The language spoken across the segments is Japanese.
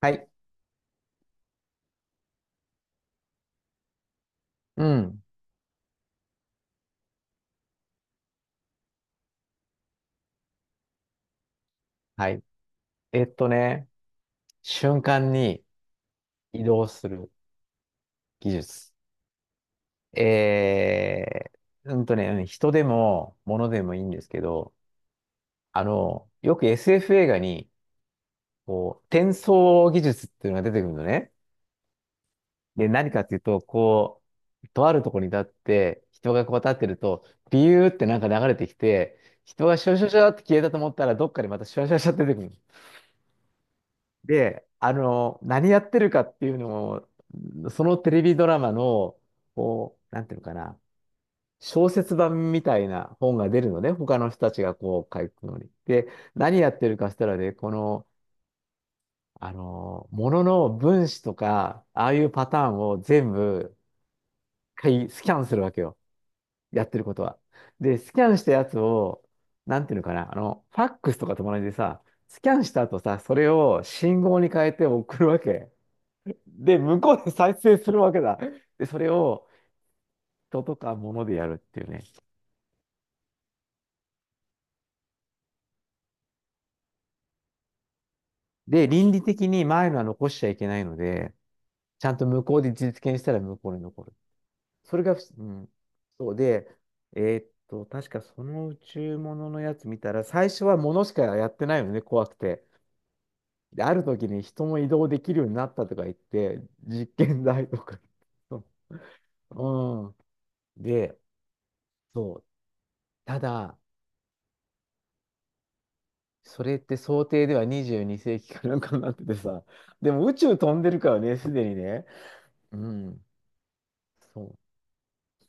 はい。うん。はい。えっとね、瞬間に移動する技術。え人でも物でもいいんですけど、よく SF 映画に、転送技術っていうのが出てくるのね。で、何かっていうと、とあるところに立って、人がこう立ってると、ビューってなんか流れてきて、人がシュワシュワシュワって消えたと思ったら、どっかでまたシュワシュワシュワって出てくる。で、何やってるかっていうのを、そのテレビドラマの、こう、なんていうのかな、小説版みたいな本が出るのね、他の人たちがこう書くのに。で、何やってるかしたらね、この、あの、ものの分子とか、ああいうパターンを全部、一回スキャンするわけよ。やってることは。で、スキャンしたやつを、なんていうのかな、あの、ファックスとかと同じでさ、スキャンした後さ、それを信号に変えて送るわけ。で、向こうで再生するわけだ。で、それを人とか物でやるっていうね。で、倫理的に前のは残しちゃいけないので、ちゃんと向こうで実現したら向こうに残る。それがうん、そうで、えーっと、確かその宇宙物のやつ見たら、最初は物しかやってないのね、怖くて。で、ある時に人も移動できるようになったとか言って、実験台とか。そううん。で、そう。ただ、それって想定では22世紀かなんかになっててさ。でも宇宙飛んでるからね、すでにね。うん。そう。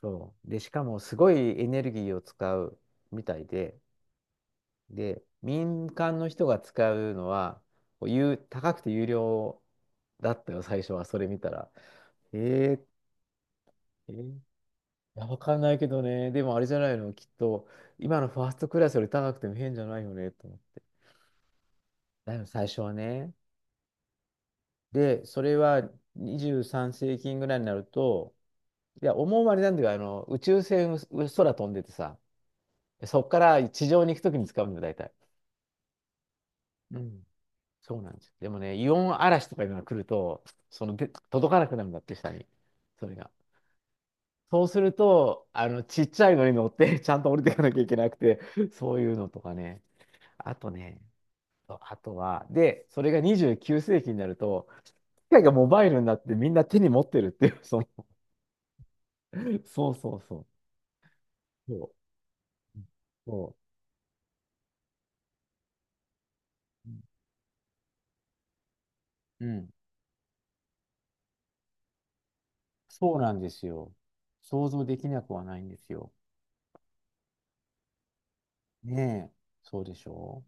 そう。で、しかもすごいエネルギーを使うみたいで、で、民間の人が使うのは、有高くて有料だったよ、最初は。それ見たら。えー、えーいや、わかんないけどね。でもあれじゃないの、きっと、今のファーストクラスより高くても変じゃないよね、と思って。だよね、最初はね。で、それは23世紀ぐらいになると、いや、思うまれなんだけど、宇宙船、空飛んでてさ、そっから地上に行くときに使うんだよ、大体。うん。そうなんですよ。でもね、イオン嵐とかいうのが来ると、そので、届かなくなるんだって、下に。それが。そうすると、ちっちゃいのに乗って、ちゃんと降りていかなきゃいけなくて、そういうのとかね。あとね、あとは、で、それが29世紀になると、機械がモバイルになってみんな手に持ってるっていう、その、そうそうそう。そう。そう。うん。そうなんですよ。想像できなくはないんですよ。ねえ。そうでしょ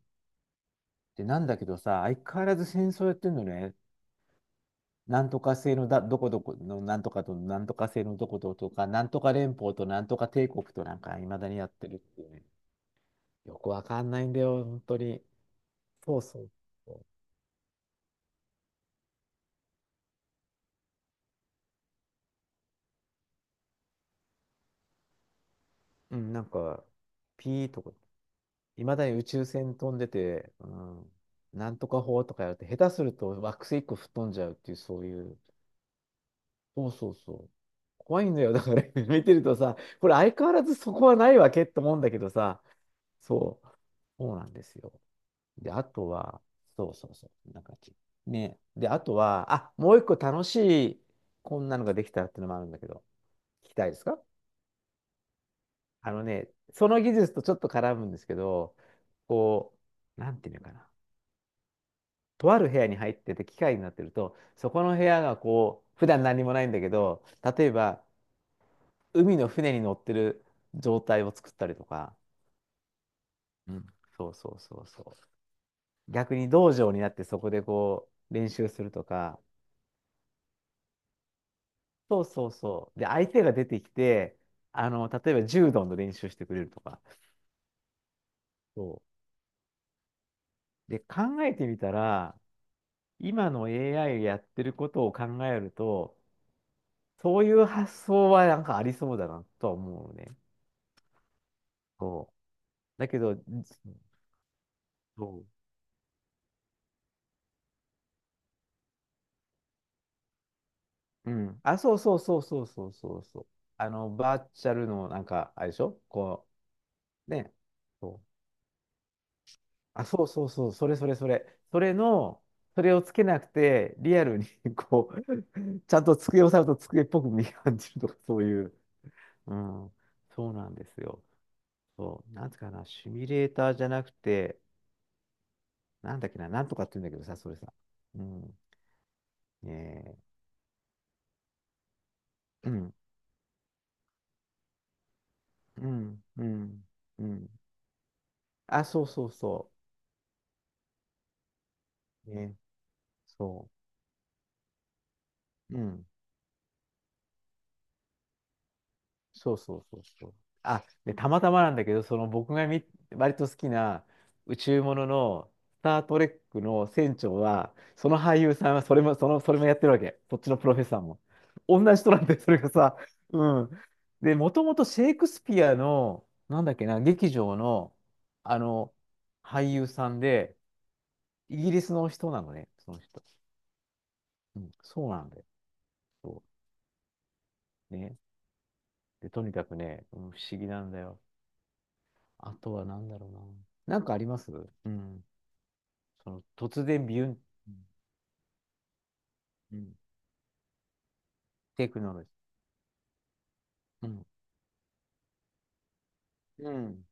うで、なんだけどさ、相変わらず戦争やってんのね。なんとか制のだ、どこどこのなんとかと、なんとか制のどこととか、なんとか連邦となんとか帝国となんか、いまだにやってるっていうね。よくわかんないんだよ、本当に。そうそうそう。うん、なんか、ピーとか。いまだに宇宙船飛んでて、うん、なんとか法とかやると、下手すると惑星一個吹っ飛んじゃうっていう、そういう、そうそうそう。怖いんだよ。だから 見てるとさ、これ相変わらずそこはないわけって思うんだけどさ、そう、そうなんですよ。で、あとは、そうそうそう、なんかち、ね。で、あとは、あ、もう一個楽しい、こんなのができたっていうのもあるんだけど、聞きたいですか？あのね、その技術とちょっと絡むんですけど、こう、なんていうのかな。とある部屋に入ってて機械になってると、そこの部屋がこう、普段何もないんだけど、例えば海の船に乗ってる状態を作ったりとか、うんそうそうそうそう。逆に道場になってそこでこう練習するとか、そうそうそう。で、相手が出てきて、例えば柔道の練習してくれるとか。そう。で、考えてみたら、今の AI やってることを考えると、そういう発想はなんかありそうだなとは思うね。そうだけど、そう。うん。あ、そうそうそうそうそうそうそう。バーチャルのなんか、あれでしょこう、ね。そう。あ、そうそうそう。それそれそれ。それの、それをつけなくて、リアルに こう、ちゃんと机を触ると机っぽく見え感じるとか、そういう。うん。そうなんですよ。そう。なんつうかな、シミュレーターじゃなくて、なんとかって言うんだけどさ、それさ。うん。ねえ。うん。うん。うん。うん。あ、そうそうそう。ね、そう。うん。そうそうそうそう。あ、で、たまたまなんだけど、その僕がみ、割と好きな宇宙ものの、スター・トレックの船長は、その俳優さんはそれも、それもやってるわけ。そっちのプロフェッサーも。同じ人なんで、それがさ。うん。で、もともとシェイクスピアの、なんだっけな、劇場の、あの、俳優さんで、イギリスの人なのね、その人。うん、そうなんだよ。そうね。で、とにかくね、不思議なんだよ。あとは何だろうな。なんかあります？うん。その突然ビュン、うん、テクノロジー。うん。うん。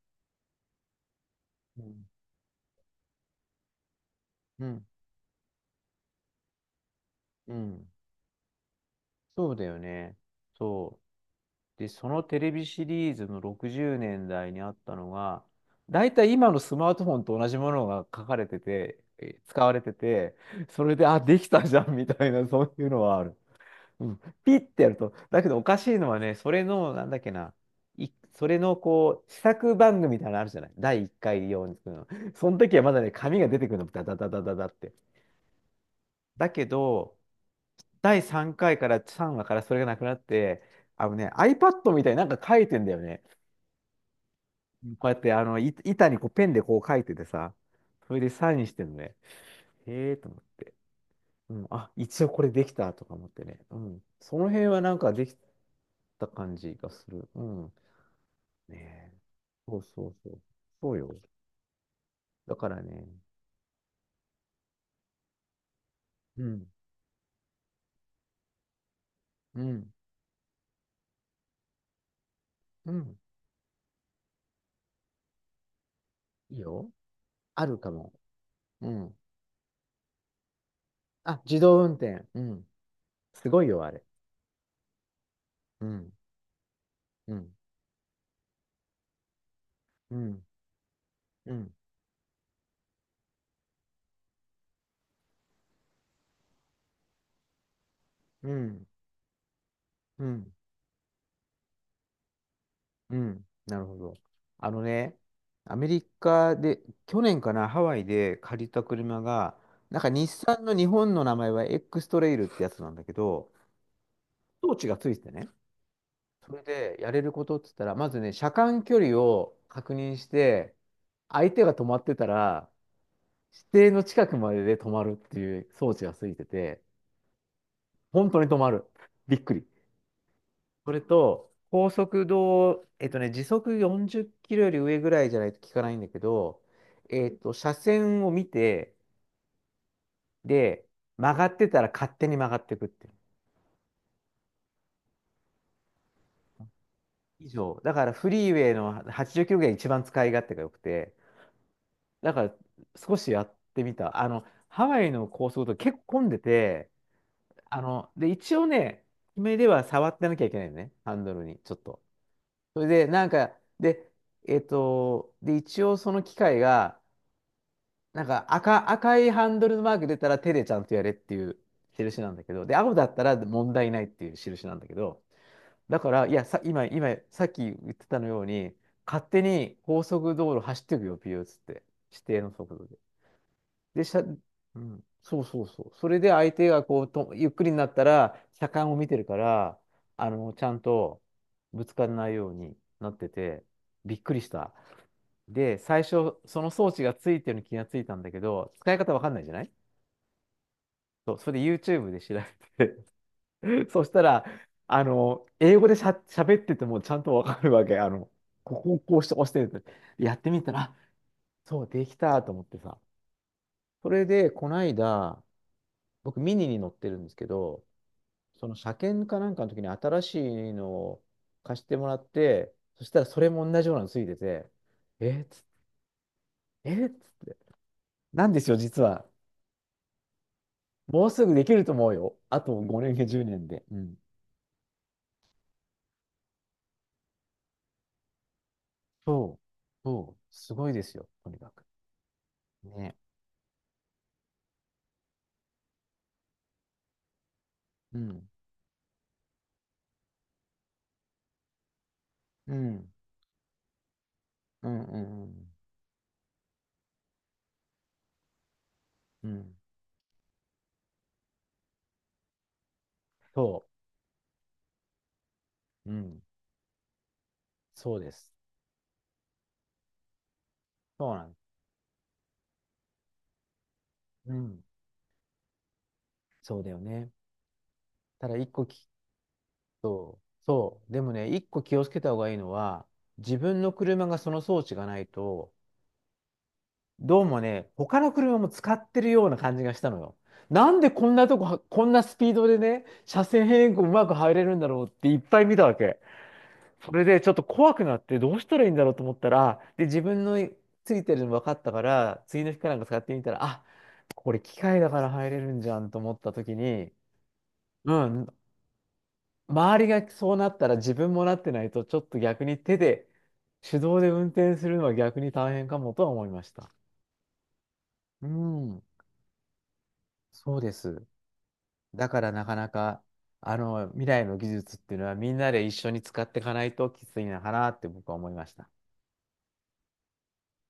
うん。うん。そうだよね。そう。で、そのテレビシリーズの60年代にあったのが、だいたい今のスマートフォンと同じものが書かれてて、使われてて、それで、あ、できたじゃんみたいな、そういうのはある。うん、ピッてやると。だけどおかしいのはね、それの、なんだっけな、い、それのこう、試作番組みたいなのあるじゃない第1回用に作るの。その時はまだね、紙が出てくるの、ダダダダダダって。だけど、第3回かいから3話からそれがなくなって、あのね、iPad みたいになんか書いてんだよね。こうやって、板にこうペンでこう書いててさ、それでサインしてんのね。へえーと思って。うん、あ、一応これできたとか思ってね。うん。その辺はなんかできた感じがする。うん。ねえ。そうそうそう。そうよ。だからね。うん。うん。うん。いいよ。あるかも。うん。あ、自動運転。うん。すごいよ、あれ。うん。うん。うん。うん。うん。うん。うん。なるほど。あのね、アメリカで、去年かな、ハワイで借りた車が、なんか日産の日本の名前は X トレイルってやつなんだけど、装置がついててね。それでやれることって言ったら、まずね、車間距離を確認して、相手が止まってたら、指定の近くまでで止まるっていう装置がついてて、本当に止まる。びっくり。それと、高速道、時速40キロより上ぐらいじゃないと効かないんだけど、車線を見て、で、曲がってたら勝手に曲がっていくっていう。以上。だからフリーウェイの80キロぐらいが一番使い勝手が良くて、だから少しやってみた。あの、ハワイの高速道路結構混んでて、あの、で、一応ね、目では触ってなきゃいけないのね、ハンドルに、ちょっと。それで、なんか、で、一応その機械が、なんか赤いハンドルのマーク出たら手でちゃんとやれっていう印なんだけど、で、青だったら問題ないっていう印なんだけど、だから、いや、さ、今、さっき言ってたのように、勝手に高速道路走っていくよ、ピューっつって、指定の速度で。で、しゃ、うん。そうそうそう。それで相手がこうと、ゆっくりになったら、車間を見てるから、あの、ちゃんとぶつからないようになってて、びっくりした。で、最初、その装置がついてるのに気がついたんだけど、使い方わかんないじゃない。そうそれで YouTube で調べて。 そしたら、あの、英語でしゃ、喋っててもちゃんとわかるわけ。あの、ここをこうして押してるって。やってみたら、あそう、できたと思ってさ。それで、こないだ、僕ミニに乗ってるんですけど、その車検かなんかの時に新しいのを貸してもらって、そしたらそれも同じようなのついてて、えーっつっえーっつって、なんですよ、実は。もうすぐできると思うよ。あと5年や10年で。うん。そう、そう、すごいですよ、とにかく。ね。うん、うん、うん、うん、うん、うん。そう、うん、そうです。そうなんです。うん、そうだよね。ただ一個聞そう、そう。でもね、一個気をつけた方がいいのは、自分の車がその装置がないと、どうもね、他の車も使ってるような感じがしたのよ。なんでこんなとこは、こんなスピードでね、車線変更うまく入れるんだろうっていっぱい見たわけ。それでちょっと怖くなって、どうしたらいいんだろうと思ったら、で、自分のついてるの分かったから、次の日かなんか使ってみたら、あ、これ機械だから入れるんじゃんと思った時に、うん、周りがそうなったら自分もなってないと、ちょっと逆に手で、手動で運転するのは逆に大変かもとは思いました。うん、そうです。だからなかなか、あの、未来の技術っていうのはみんなで一緒に使っていかないときついのかなって僕は思いました。